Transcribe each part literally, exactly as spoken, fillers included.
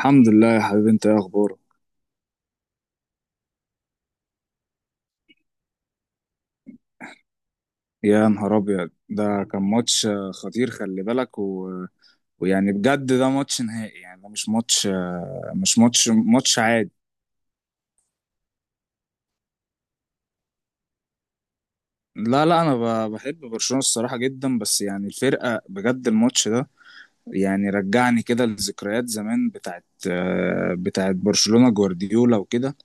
الحمد لله يا حبيبي، انت ايه اخبارك؟ يا نهار ابيض، ده كان ماتش آه، خطير، خلي بالك. و... ويعني بجد ده ماتش نهائي، يعني ده مش ماتش آه، مش ماتش ماتش عادي. لا، لا، انا ب- بحب برشلونة الصراحة جدا، بس يعني الفرقة بجد، الماتش ده يعني رجعني كده لذكريات زمان بتاعت آه، بتاعت برشلونة جوارديولا وكده.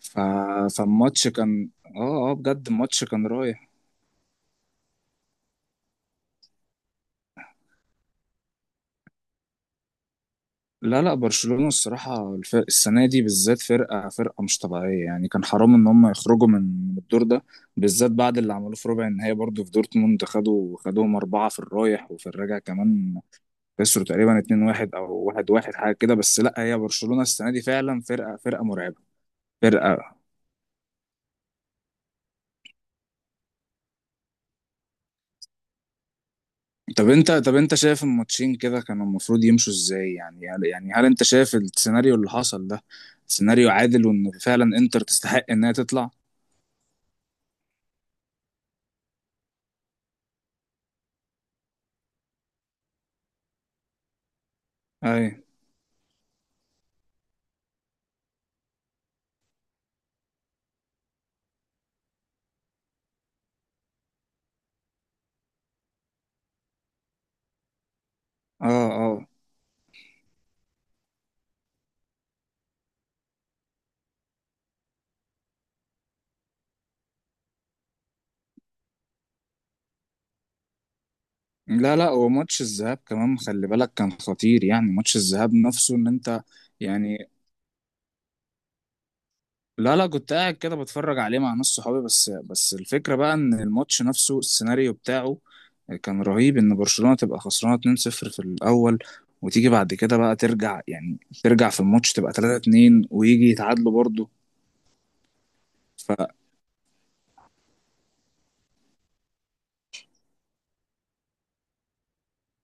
ف... فالماتش كان، اه اه بجد الماتش كان رايح. لا، لا، برشلونة الصراحة الفرق السنة دي بالذات فرقة فرقة مش طبيعية، يعني كان حرام إن هم يخرجوا من الدور ده، بالذات بعد اللي عملوه في ربع النهائي برضه في دورتموند، خدوا خدوهم أربعة في الرايح وفي الراجع كمان، خسروا تقريبا اتنين واحد أو واحد واحد حاجة كده. بس لا، هي برشلونة السنة دي فعلا فرقة فرقة مرعبة فرقة. طب انت طب انت شايف الماتشين كده كانوا المفروض يمشوا ازاي يعني؟ يعني هل انت شايف السيناريو اللي حصل ده سيناريو عادل وان فعلا انتر تستحق انها تطلع؟ اي. اه. اه. لا، لا، وماتش الذهاب كمان خلي بالك كان خطير، يعني ماتش الذهاب نفسه، ان انت يعني. لا، لا، كنت قاعد كده بتفرج عليه مع ناس صحابي، بس بس الفكرة بقى ان الماتش نفسه السيناريو بتاعه كان رهيب، ان برشلونة تبقى خسرانة اتنين صفر في الاول وتيجي بعد كده بقى ترجع، يعني ترجع في الماتش تبقى ثلاثة اتنين ويجي يتعادلوا برضه.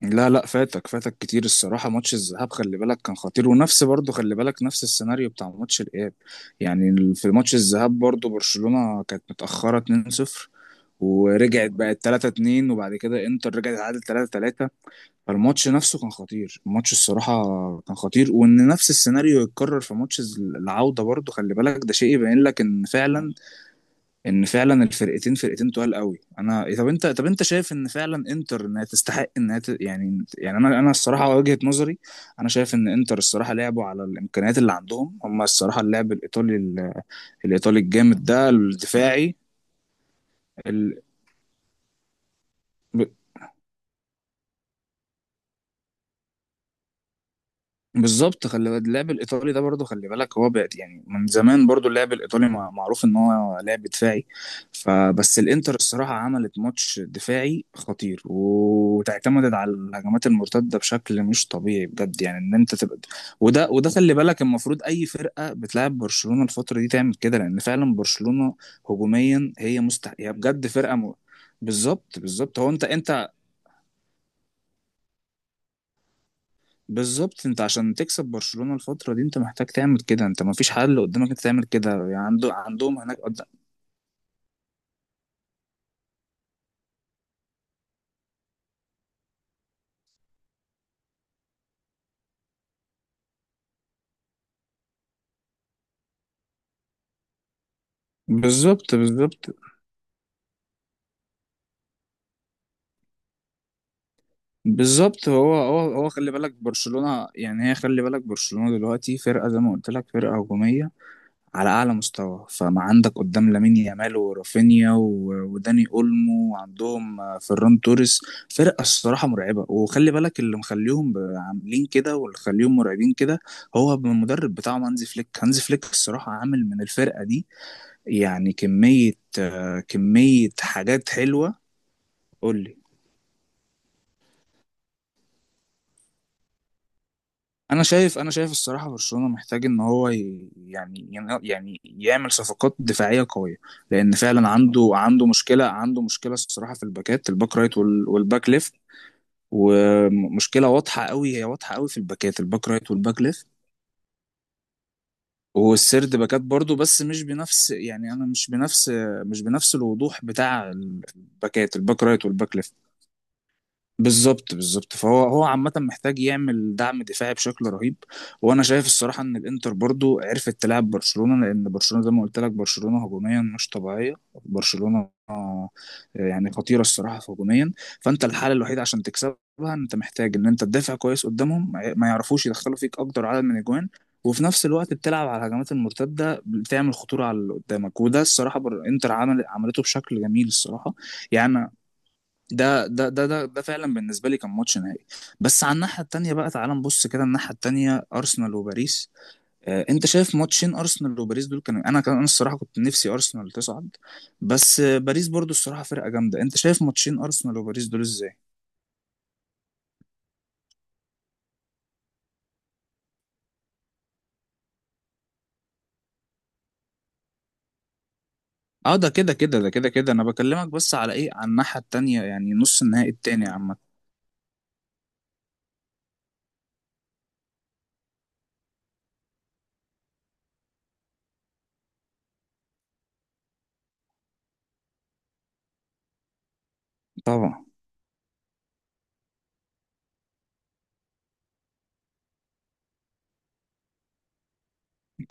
لا، لا، فاتك فاتك كتير الصراحة، ماتش الذهاب خلي بالك كان خطير، ونفس برضه خلي بالك نفس السيناريو بتاع ماتش الإياب. يعني ال- في ماتش الذهاب برضه برشلونة كانت متأخرة اتنين صفر ورجعت بقت ثلاثة اتنين، وبعد كده انتر رجعت عادت ثلاثة ثلاثة. فالماتش نفسه كان خطير، الماتش الصراحة كان خطير، وإن نفس السيناريو يتكرر في ماتش الز- العودة برضه، خلي بالك ده شيء يبين لك إن فعلا، ان فعلا الفرقتين فرقتين تقال قوي. انا إيه، طب انت طب انت شايف ان فعلا انتر انها تستحق انها ت... يعني يعني انا انا الصراحه وجهه نظري، انا شايف ان انتر الصراحه لعبوا على الامكانيات اللي عندهم هم الصراحه، اللعب الايطالي ال- الايطالي الجامد ده الدفاعي. ال... بالظبط، خلي بالك اللعب الايطالي ده برضه خلي بالك هو بقى يعني من زمان برضه اللعب الايطالي مع- معروف ان هو لعب دفاعي، فبس الانتر الصراحه عملت ماتش دفاعي خطير وتعتمدت على الهجمات المرتده بشكل مش طبيعي بجد، يعني ان انت تبقى. وده، وده خلي بالك المفروض اي فرقه بتلعب برشلونه الفتره دي تعمل كده، لان فعلا برشلونه هجوميا هي مستحيل، هي بجد فرقه م... بالظبط، بالظبط، هو انت انت بالظبط، انت عشان تكسب برشلونة الفترة دي انت محتاج تعمل كده، انت ما فيش حل قدامك انت تعمل كده، يعني عنده عندهم هناك قد- بالظبط، بالظبط، بالظبط، هو هو هو خلي بالك برشلونة، يعني هي خلي بالك برشلونة دلوقتي فرقة، زي ما قلت لك، فرقة هجومية على اعلى مستوى. فما عندك قدام لامين يامال ورافينيا و- وداني اولمو، وعندهم آه، فيران توريس. فرقه الصراحه مرعبه، وخلي بالك اللي مخليهم ب- عاملين كده واللي مخليهم مرعبين كده هو المدرب بتاعهم هانزي فليك. هانزي فليك الصراحه عامل من الفرقه دي يعني كميه، آه، كميه حاجات حلوه. قول لي. انا شايف انا شايف الصراحه برشلونه محتاج ان هو ي- يعني ين- يعني يعمل صفقات دفاعيه قويه، لان فعلا عنده عنده مشكله، عنده مشكله الصراحه في الباكات، الباك رايت وال- والباك ليفت. ومشكله واضحه قوي، هي واضحه قوي في الباكات، الباك رايت والباك ليفت. والسرد باكات برضو، بس مش بنفس، يعني انا مش بنفس، مش بنفس الوضوح بتاع الباكات، الباك رايت والباك ليفت. بالظبط، بالظبط، فهو هو عامة محتاج يعمل دعم دفاعي بشكل رهيب. وانا شايف الصراحة ان الانتر برضو عرفت تلعب برشلونة، لان برشلونة زي ما قلت لك، برشلونة هجوميا مش طبيعية. برشلونة آه، يعني خطيرة الصراحة في هجوميا. فانت الحالة الوحيدة عشان تكسبها، انت محتاج ان انت تدافع كويس قدامهم، ما ما يعرفوش يدخلوا فيك اكتر عدد من الاجوان، وفي نفس الوقت بتلعب على الهجمات المرتدة، بتعمل خطورة على اللي قدامك، وده الصراحة بر... انتر عمل عملته بشكل جميل الصراحة. يعني ده ده ده ده ده فعلا بالنسبه لي كان ماتش نهائي. بس على الناحيه التانيه بقى، تعال نبص كده الناحيه التانيه، ارسنال وباريس. آه، انت شايف ماتشين ارسنال وباريس دول كانوا، انا كان انا الصراحه كنت نفسي ارسنال تصعد، بس آه، باريس برضو الصراحه فرقه جامده. انت شايف ماتشين ارسنال وباريس دول ازاي؟ اه، ده كده كده، ده كده كده، انا بكلمك بس على ايه، على الناحيه التانيه يعني، نص النهائي التاني عامه. طبعا.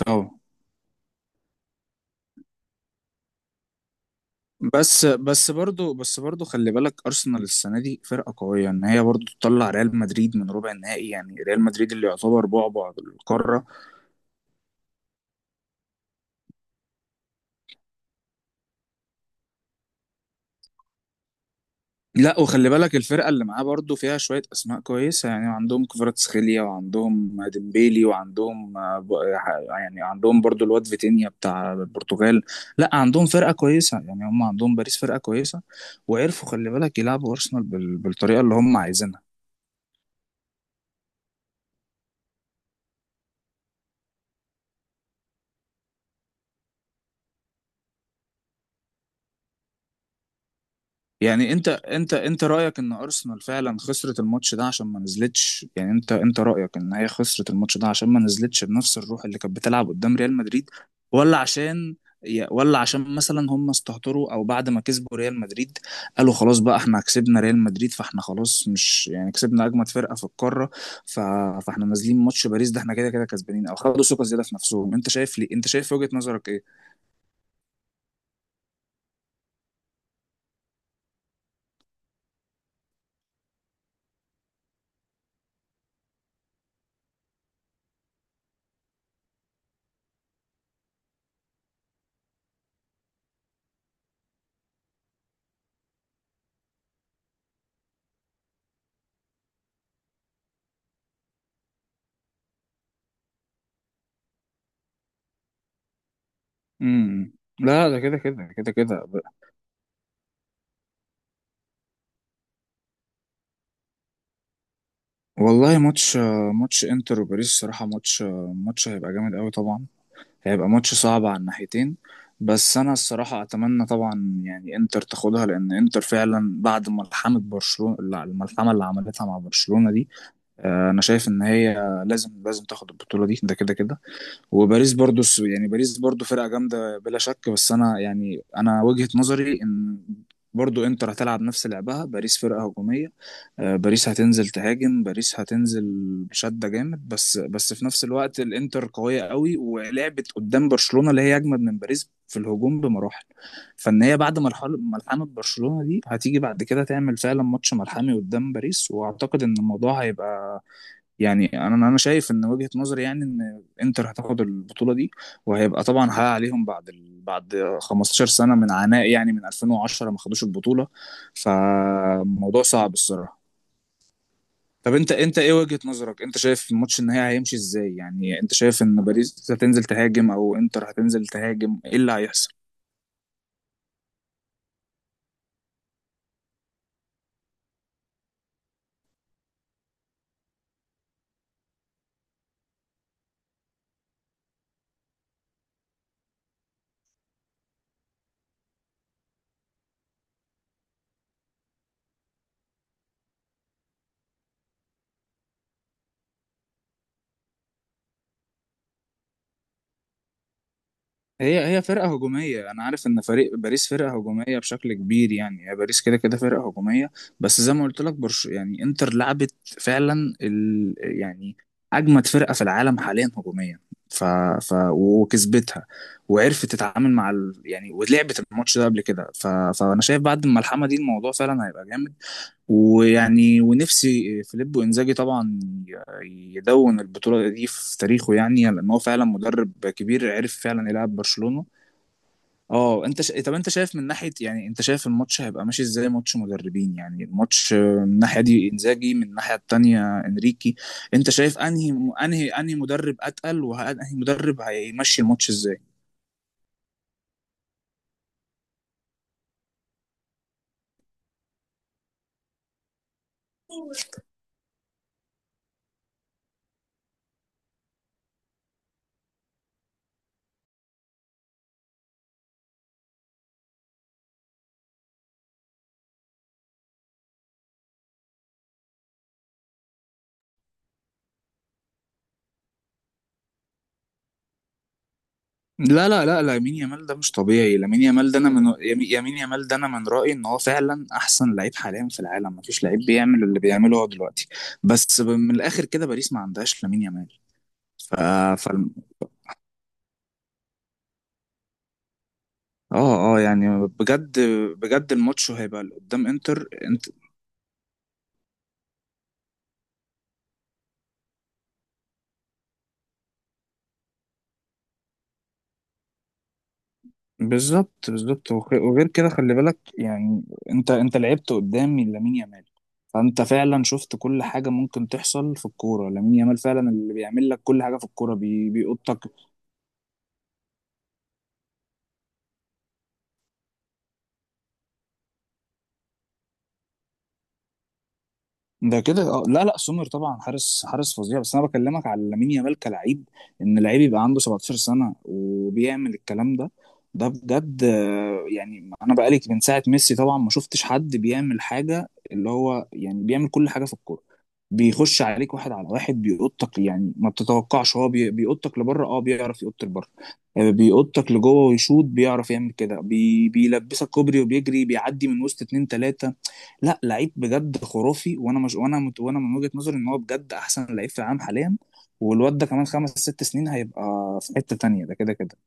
طبعا. بس، بس برضو بس برضو خلي بالك ارسنال السنه دي فرقه قويه، ان هي برضو تطلع ريال مدريد من ربع النهائي، يعني ريال مدريد اللي يعتبر بعبع القاره. لا، وخلي بالك الفرقه اللي معاه برضو فيها شويه اسماء كويسه، يعني عندهم كفاراتسخيليا وعندهم ديمبيلي وعندهم آه، ب- آه، يعني عندهم برضو الواد فيتينيا بتاع البرتغال. لا، عندهم فرقه كويسه، يعني هم عندهم باريس فرقه كويسه، وعرفوا خلي بالك يلعبوا ارسنال بال- بالطريقه اللي هم عايزينها. يعني انت انت انت رايك ان ارسنال فعلا خسرت الماتش ده عشان ما نزلتش، يعني انت انت رايك ان هي خسرت الماتش ده عشان ما نزلتش بنفس الروح اللي كانت بتلعب قدام ريال مدريد، ولا عشان، يا- ولا عشان مثلا هم استهتروا؟ او بعد ما كسبوا ريال مدريد قالوا خلاص بقى، احنا كسبنا ريال مدريد فاحنا خلاص، مش يعني كسبنا اجمد فرقه في القاره، ف... فاحنا نازلين ماتش باريس ده احنا كده كده كسبانين؟ او خدوا ثقه زياده في نفسهم؟ انت شايف ليه؟ انت شايف وجهه نظرك ايه؟ امم لا، ده كده كده كده كده. والله ماتش، ماتش انتر وباريس الصراحة ماتش، ماتش هيبقى جامد قوي طبعا، هيبقى ماتش صعب على الناحيتين. بس انا الصراحة اتمنى طبعا يعني انتر تاخدها، لان انتر فعلا بعد ملحمة برشلونة، لا، الملحمة اللي عملتها مع برشلونة دي، آه، انا شايف ان هي لازم، لازم تاخد البطولة دي، ده كده كده. وباريس برضو س- يعني باريس برضو فرقة جامدة بلا شك. بس انا يعني انا وجهة نظري ان برضو انتر هتلعب نفس لعبها، باريس فرقة هجومية، آه، باريس هتنزل تهاجم، باريس هتنزل بشدة جامد. بس، بس في نفس الوقت الانتر قوية قوي ولعبت قدام برشلونة اللي هي اجمد من باريس في الهجوم بمراحل. فان هي بعد مرحلة ملحمة برشلونة دي هتيجي بعد كده تعمل فعلا ماتش ملحمي قدام باريس، واعتقد ان الموضوع هيبقى يعني، انا انا شايف ان وجهة نظري يعني ان انتر هتاخد البطولة دي، وهيبقى طبعا حقق عليهم بعد ال... بعد 15 سنة من عناء، يعني من ألفين وعشرة ما خدوش البطولة. فموضوع صعب الصراحة. طب انت، انت ايه وجهة نظرك؟ انت شايف الماتش النهائي هيمشي ازاي؟ يعني انت شايف ان باريس هتنزل تهاجم او انتر هتنزل تهاجم؟ ايه اللي هيحصل؟ هي هي فرقة هجومية، أنا عارف إن فريق باريس فرقة هجومية بشكل كبير، يعني هي باريس كده كده فرقة هجومية. بس زي ما قلت لك، برش يعني إنتر لعبت فعلا ال... يعني أجمد فرقة في العالم حاليا هجوميا. ف... ف... وكسبتها، وعرفت تتعامل مع ال... يعني، ولعبت الماتش ده قبل كده. ف... فأنا شايف بعد الملحمة دي الموضوع فعلا هيبقى جامد. ويعني ونفسي فيليب وانزاجي طبعا يدون البطولة دي في تاريخه، يعني لأن هو فعلا مدرب كبير عرف فعلا يلعب برشلونة. اه، انت ش... طب انت شايف من ناحية يعني، انت شايف الماتش هيبقى ماشي ازاي؟ ماتش مدربين يعني، الماتش من الناحية دي انزاجي، من الناحية التانية انريكي. انت شايف انهي انهي انهي مدرب اتقل؟ وانهي مدرب هيمشي الماتش ازاي؟ لا، لا، لا، لامين يامال ده مش طبيعي، لامين يامال ده انا من يامي- يامين يامال ده انا من رأيي ان هو فعلا احسن لعيب حاليا في العالم، مفيش لعيب بيعمل اللي بيعمله هو دلوقتي. بس ب- من الاخر كده باريس ما عندهاش لامين يامال. ف... ف... اه اه يعني بجد، بجد الماتش هيبقى اللي قدام انتر، انت بالظبط، بالظبط، وخ- وغير كده خلي بالك يعني، انت انت لعبت قدام لامين يامال، فانت فعلا شفت كل حاجه ممكن تحصل في الكوره، لامين يامال فعلا اللي بيعمل لك كل حاجه في الكوره بي... بيقطك. ده كده، اه، لا، لا، سومر طبعا حارس، حارس فظيع، بس انا بكلمك على لامين يامال كلاعب، ان لعيب يبقى عنده سبعتاشر سنة سنه وبيعمل الكلام ده، ده بجد آه، يعني، انا بقالي من ساعه ميسي طبعا ما شفتش حد بيعمل حاجه اللي هو، يعني بيعمل كل حاجه في الكوره، بيخش عليك واحد على واحد بيقطك يعني، ما بتتوقعش هو بي- بيقطك لبره، اه بيعرف يقط لبره، آه، بيقطك لجوه ويشوط، بيعرف يعمل كده، بي بيلبسك كوبري وبيجري بيعدي من وسط اتنين تلاته. لا، لعيب بجد خرافي، وانا مش، وانا مت... وانا من وجهة نظري ان هو بجد احسن لعيب في العالم حاليا. والواد ده كمان خمس ست سنين هيبقى في حتة تانية، ده كده كده.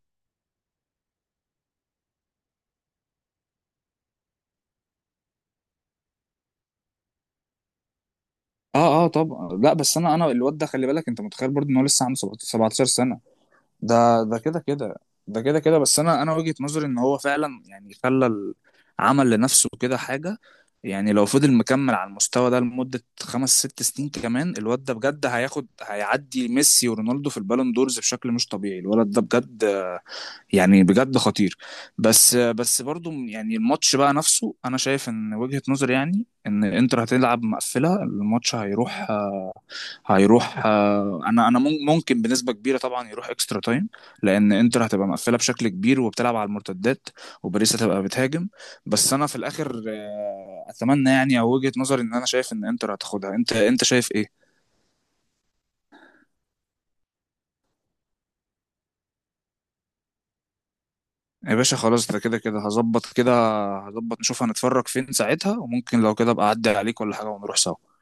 اه اه طبعا. لا، بس انا انا الواد ده خلي بالك، انت متخيل برضه ان هو لسه عنده سبعة- 17 سنة؟ ده ده كده كده، ده كده كده. بس انا انا وجهة نظري ان هو فعلا يعني خلى ال- عمل لنفسه كده حاجة، يعني لو فضل مكمل على المستوى ده لمدة خمس ست سنين كمان، الواد ده بجد هياخد، هيعدي ميسي ورونالدو في البالون دورز بشكل مش طبيعي، الولد ده بجد يعني بجد خطير. بس، بس برضو يعني الماتش بقى نفسه، انا شايف ان وجهة نظري يعني ان انتر هتلعب مقفله، الماتش هيروح، هيروح، انا انا مم- ممكن بنسبه كبيره طبعا يروح اكسترا تايم، لان انتر هتبقى مقفله بشكل كبير وبتلعب على المرتدات، وباريس هتبقى بتهاجم. بس انا في الاخر آه، اتمنى يعني او وجهة نظري ان انا شايف ان انتر هتاخدها. انت انت شايف ايه؟ يا باشا خلاص، ده كده كده هظبط كده، هظبط نشوف هنتفرج فين ساعتها، وممكن لو كده ابقى اعدي عليك ولا حاجه ونروح سوا.